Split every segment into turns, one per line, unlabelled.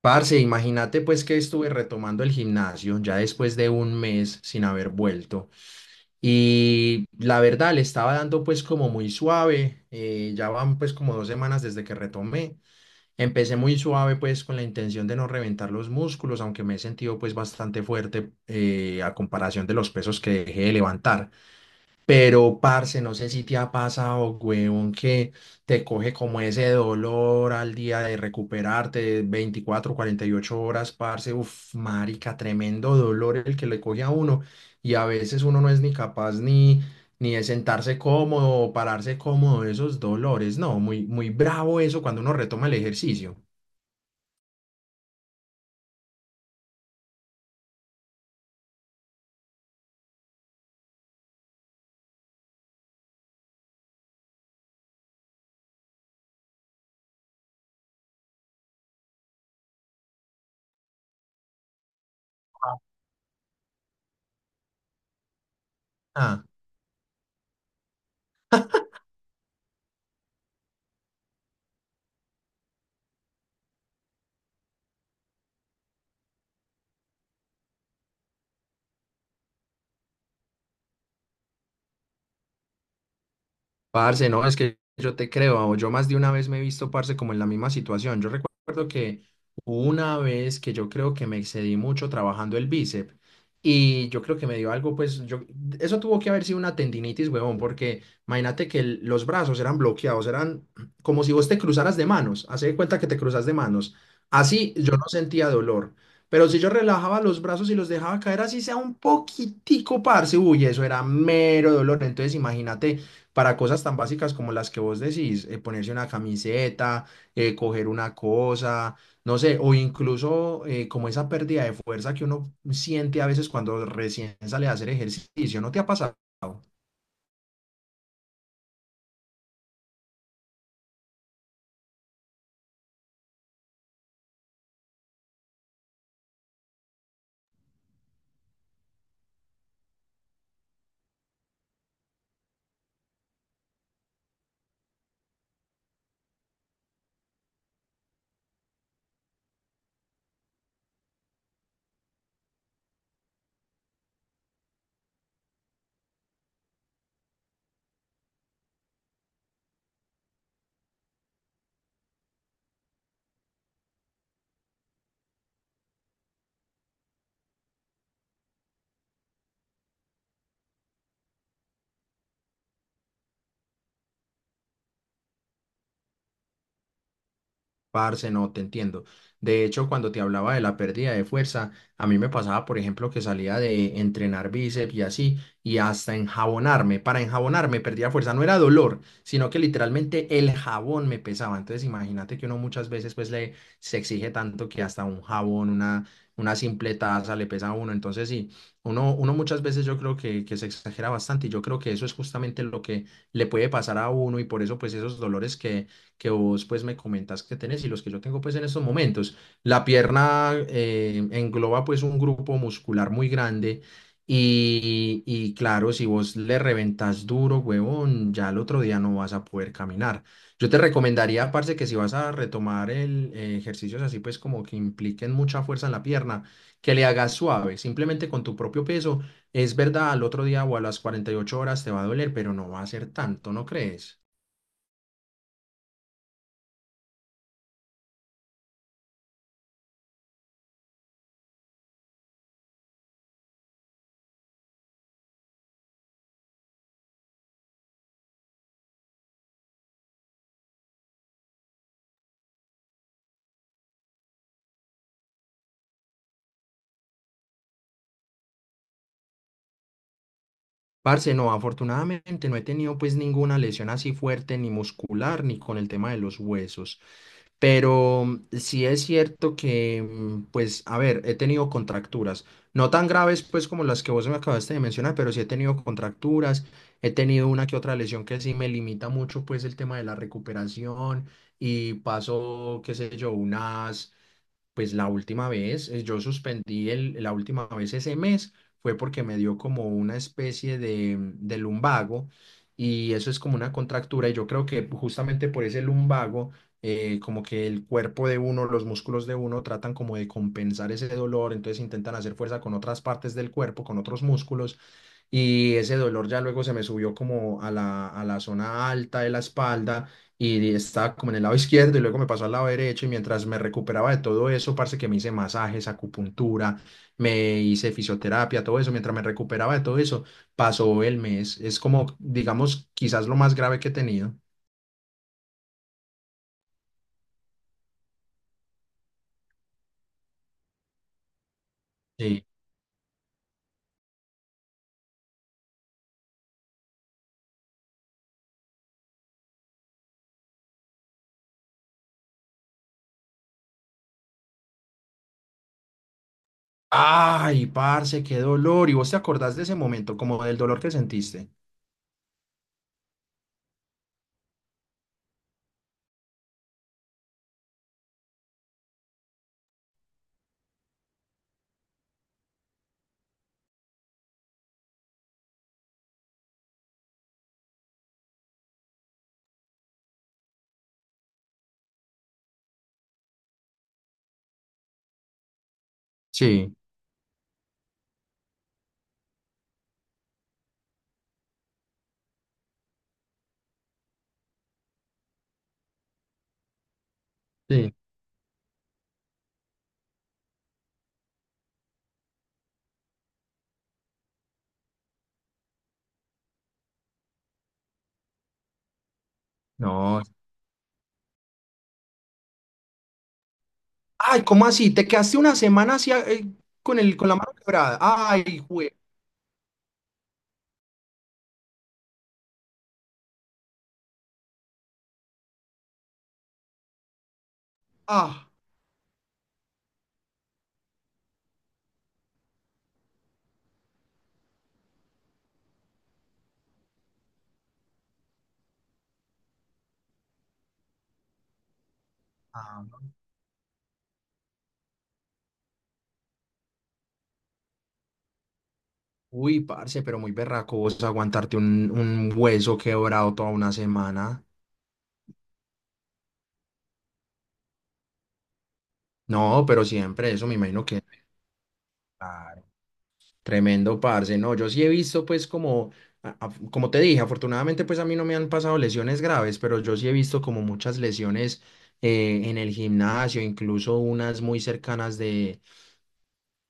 Parce, imagínate pues que estuve retomando el gimnasio ya después de un mes sin haber vuelto y la verdad le estaba dando pues como muy suave, ya van pues como 2 semanas desde que retomé. Empecé muy suave pues con la intención de no reventar los músculos, aunque me he sentido pues bastante fuerte a comparación de los pesos que dejé de levantar. Pero, parce, no sé si te ha pasado, huevón, que te coge como ese dolor al día de recuperarte 24-48 horas, parce, uf, marica, tremendo dolor el que le coge a uno. Y a veces uno no es ni capaz ni de sentarse cómodo o pararse cómodo de esos dolores. No, muy, muy bravo eso cuando uno retoma el ejercicio. Ah. Parce, no, es que yo te creo, yo más de una vez me he visto, parce, como en la misma situación. Yo recuerdo que hubo una vez que yo creo que me excedí mucho trabajando el bíceps y yo creo que me dio algo, pues, yo, eso tuvo que haber sido una tendinitis, huevón, porque imagínate que los brazos eran bloqueados, eran como si vos te cruzaras de manos, haz de cuenta que te cruzas de manos. Así yo no sentía dolor, pero si yo relajaba los brazos y los dejaba caer así sea un poquitico, parce, uy, eso era mero dolor. Entonces imagínate para cosas tan básicas como las que vos decís, ponerse una camiseta, coger una cosa, no sé, o incluso como esa pérdida de fuerza que uno siente a veces cuando recién sale a hacer ejercicio, ¿no te ha pasado? Parce, no, te entiendo. De hecho, cuando te hablaba de la pérdida de fuerza, a mí me pasaba, por ejemplo, que salía de entrenar bíceps y así, y hasta enjabonarme. Para enjabonarme perdía fuerza, no era dolor, sino que literalmente el jabón me pesaba. Entonces, imagínate que uno muchas veces pues le se exige tanto que hasta un jabón, una simple taza le pesa a uno. Entonces, sí, uno muchas veces yo creo que se exagera bastante y yo creo que eso es justamente lo que le puede pasar a uno y por eso pues esos dolores que vos pues me comentas que tenés y los que yo tengo pues en estos momentos. La pierna engloba pues un grupo muscular muy grande y claro, si vos le reventas duro, huevón, ya el otro día no vas a poder caminar. Yo te recomendaría, parce, que si vas a retomar ejercicios así pues como que impliquen mucha fuerza en la pierna, que le hagas suave, simplemente con tu propio peso. Es verdad, al otro día o a las 48 horas te va a doler, pero no va a ser tanto, ¿no crees? Parce, no, afortunadamente no he tenido pues ninguna lesión así fuerte, ni muscular, ni con el tema de los huesos. Pero sí es cierto que, pues, a ver, he tenido contracturas, no tan graves pues como las que vos me acabaste de mencionar, pero sí he tenido contracturas, he tenido una que otra lesión que sí me limita mucho pues el tema de la recuperación y paso, qué sé yo, unas pues la última vez, yo suspendí la última vez ese mes, fue porque me dio como una especie de lumbago y eso es como una contractura y yo creo que justamente por ese lumbago, como que el cuerpo de uno, los músculos de uno tratan como de compensar ese dolor, entonces intentan hacer fuerza con otras partes del cuerpo, con otros músculos y ese dolor ya luego se me subió como a la zona alta de la espalda y estaba como en el lado izquierdo y luego me pasó al lado derecho y mientras me recuperaba de todo eso, parce que me hice masajes, acupuntura, me hice fisioterapia, todo eso, mientras me recuperaba de todo eso, pasó el mes. Es como, digamos, quizás lo más grave que he tenido. Sí. Ay, parce, qué dolor. ¿Y vos te acordás de ese momento, como del dolor que sentiste? Sí, sí. No. Ay, ¿cómo así? ¿Te quedaste una semana así con la mano quebrada? Ay, güey. Ah. Ah. Uy, parce, pero muy berraco vos aguantarte un hueso quebrado toda una semana. No, pero siempre eso me imagino que claro, tremendo, parce. No, yo sí he visto pues como, como te dije, afortunadamente pues a mí no me han pasado lesiones graves, pero yo sí he visto como muchas lesiones en el gimnasio, incluso unas muy cercanas de,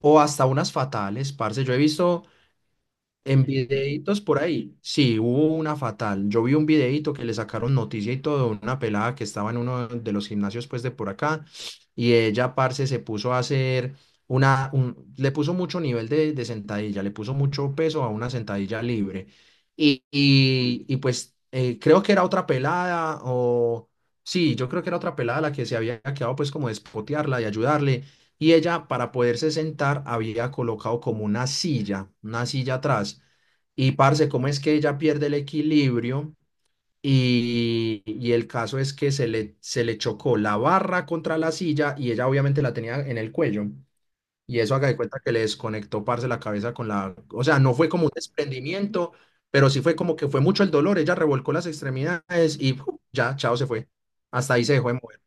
o hasta unas fatales, parce. Yo he visto en videitos por ahí, sí, hubo una fatal. Yo vi un videito que le sacaron noticia y todo, una pelada que estaba en uno de los gimnasios pues de por acá y ella, parce, se puso a hacer le puso mucho nivel de sentadilla, le puso mucho peso a una sentadilla libre. Y, pues creo que era otra pelada o, sí, yo creo que era otra pelada la que se había quedado pues como de espotearla, de ayudarle y ella, para poderse sentar, había colocado como una silla atrás. Y parce, ¿cómo es que ella pierde el equilibrio? Y el caso es que se le chocó la barra contra la silla y ella obviamente la tenía en el cuello. Y eso haga de cuenta que le desconectó, parce, la cabeza con la, o sea, no fue como un desprendimiento, pero sí fue como que fue mucho el dolor. Ella revolcó las extremidades y ¡puf! Ya, chao, se fue. Hasta ahí se dejó de mover.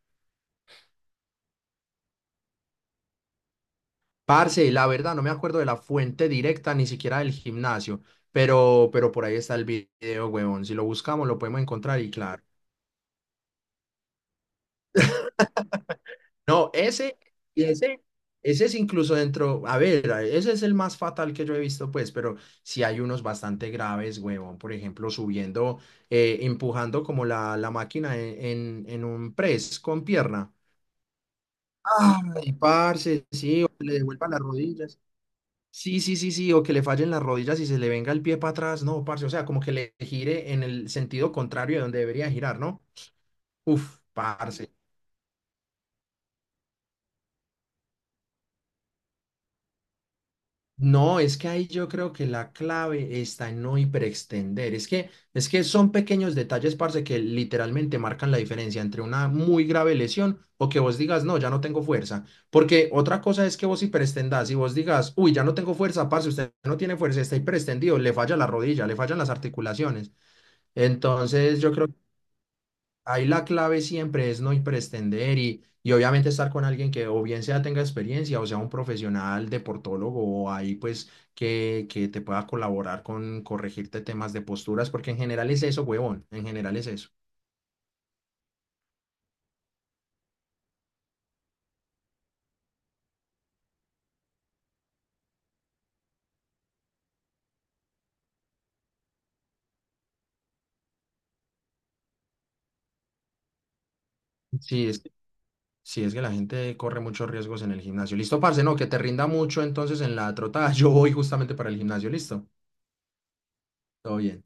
Parce, la verdad, no me acuerdo de la fuente directa, ni siquiera del gimnasio, pero, por ahí está el video, huevón. Si lo buscamos, lo podemos encontrar y claro. No, ese, y ese es incluso dentro, a ver, ese es el más fatal que yo he visto, pues, pero sí hay unos bastante graves, huevón. Por ejemplo, subiendo, empujando como la máquina en, en un press con pierna. Ay, parce, sí, o que le devuelva las rodillas. Sí, sí, sí, sí, o que le fallen las rodillas y se le venga el pie para atrás, no, parce, o sea, como que le gire en el sentido contrario de donde debería girar, ¿no? Uf, parce. No, es que ahí yo creo que la clave está en no hiperextender. Es que son pequeños detalles, parce, que literalmente marcan la diferencia entre una muy grave lesión o que vos digas, no, ya no tengo fuerza. Porque otra cosa es que vos hiperextendás y vos digas, uy, ya no tengo fuerza, parce, usted no tiene fuerza, está hiperextendido, le falla la rodilla, le fallan las articulaciones. Entonces, yo creo ahí la clave siempre es no pretender y obviamente estar con alguien que o bien sea tenga experiencia o sea un profesional deportólogo o ahí pues que te pueda colaborar con corregirte temas de posturas, porque en general es eso, huevón, en general es eso. Sí, es, sí, es que la gente corre muchos riesgos en el gimnasio. Listo, parce, no, que te rinda mucho entonces en la trotada. Yo voy justamente para el gimnasio, listo. Todo bien.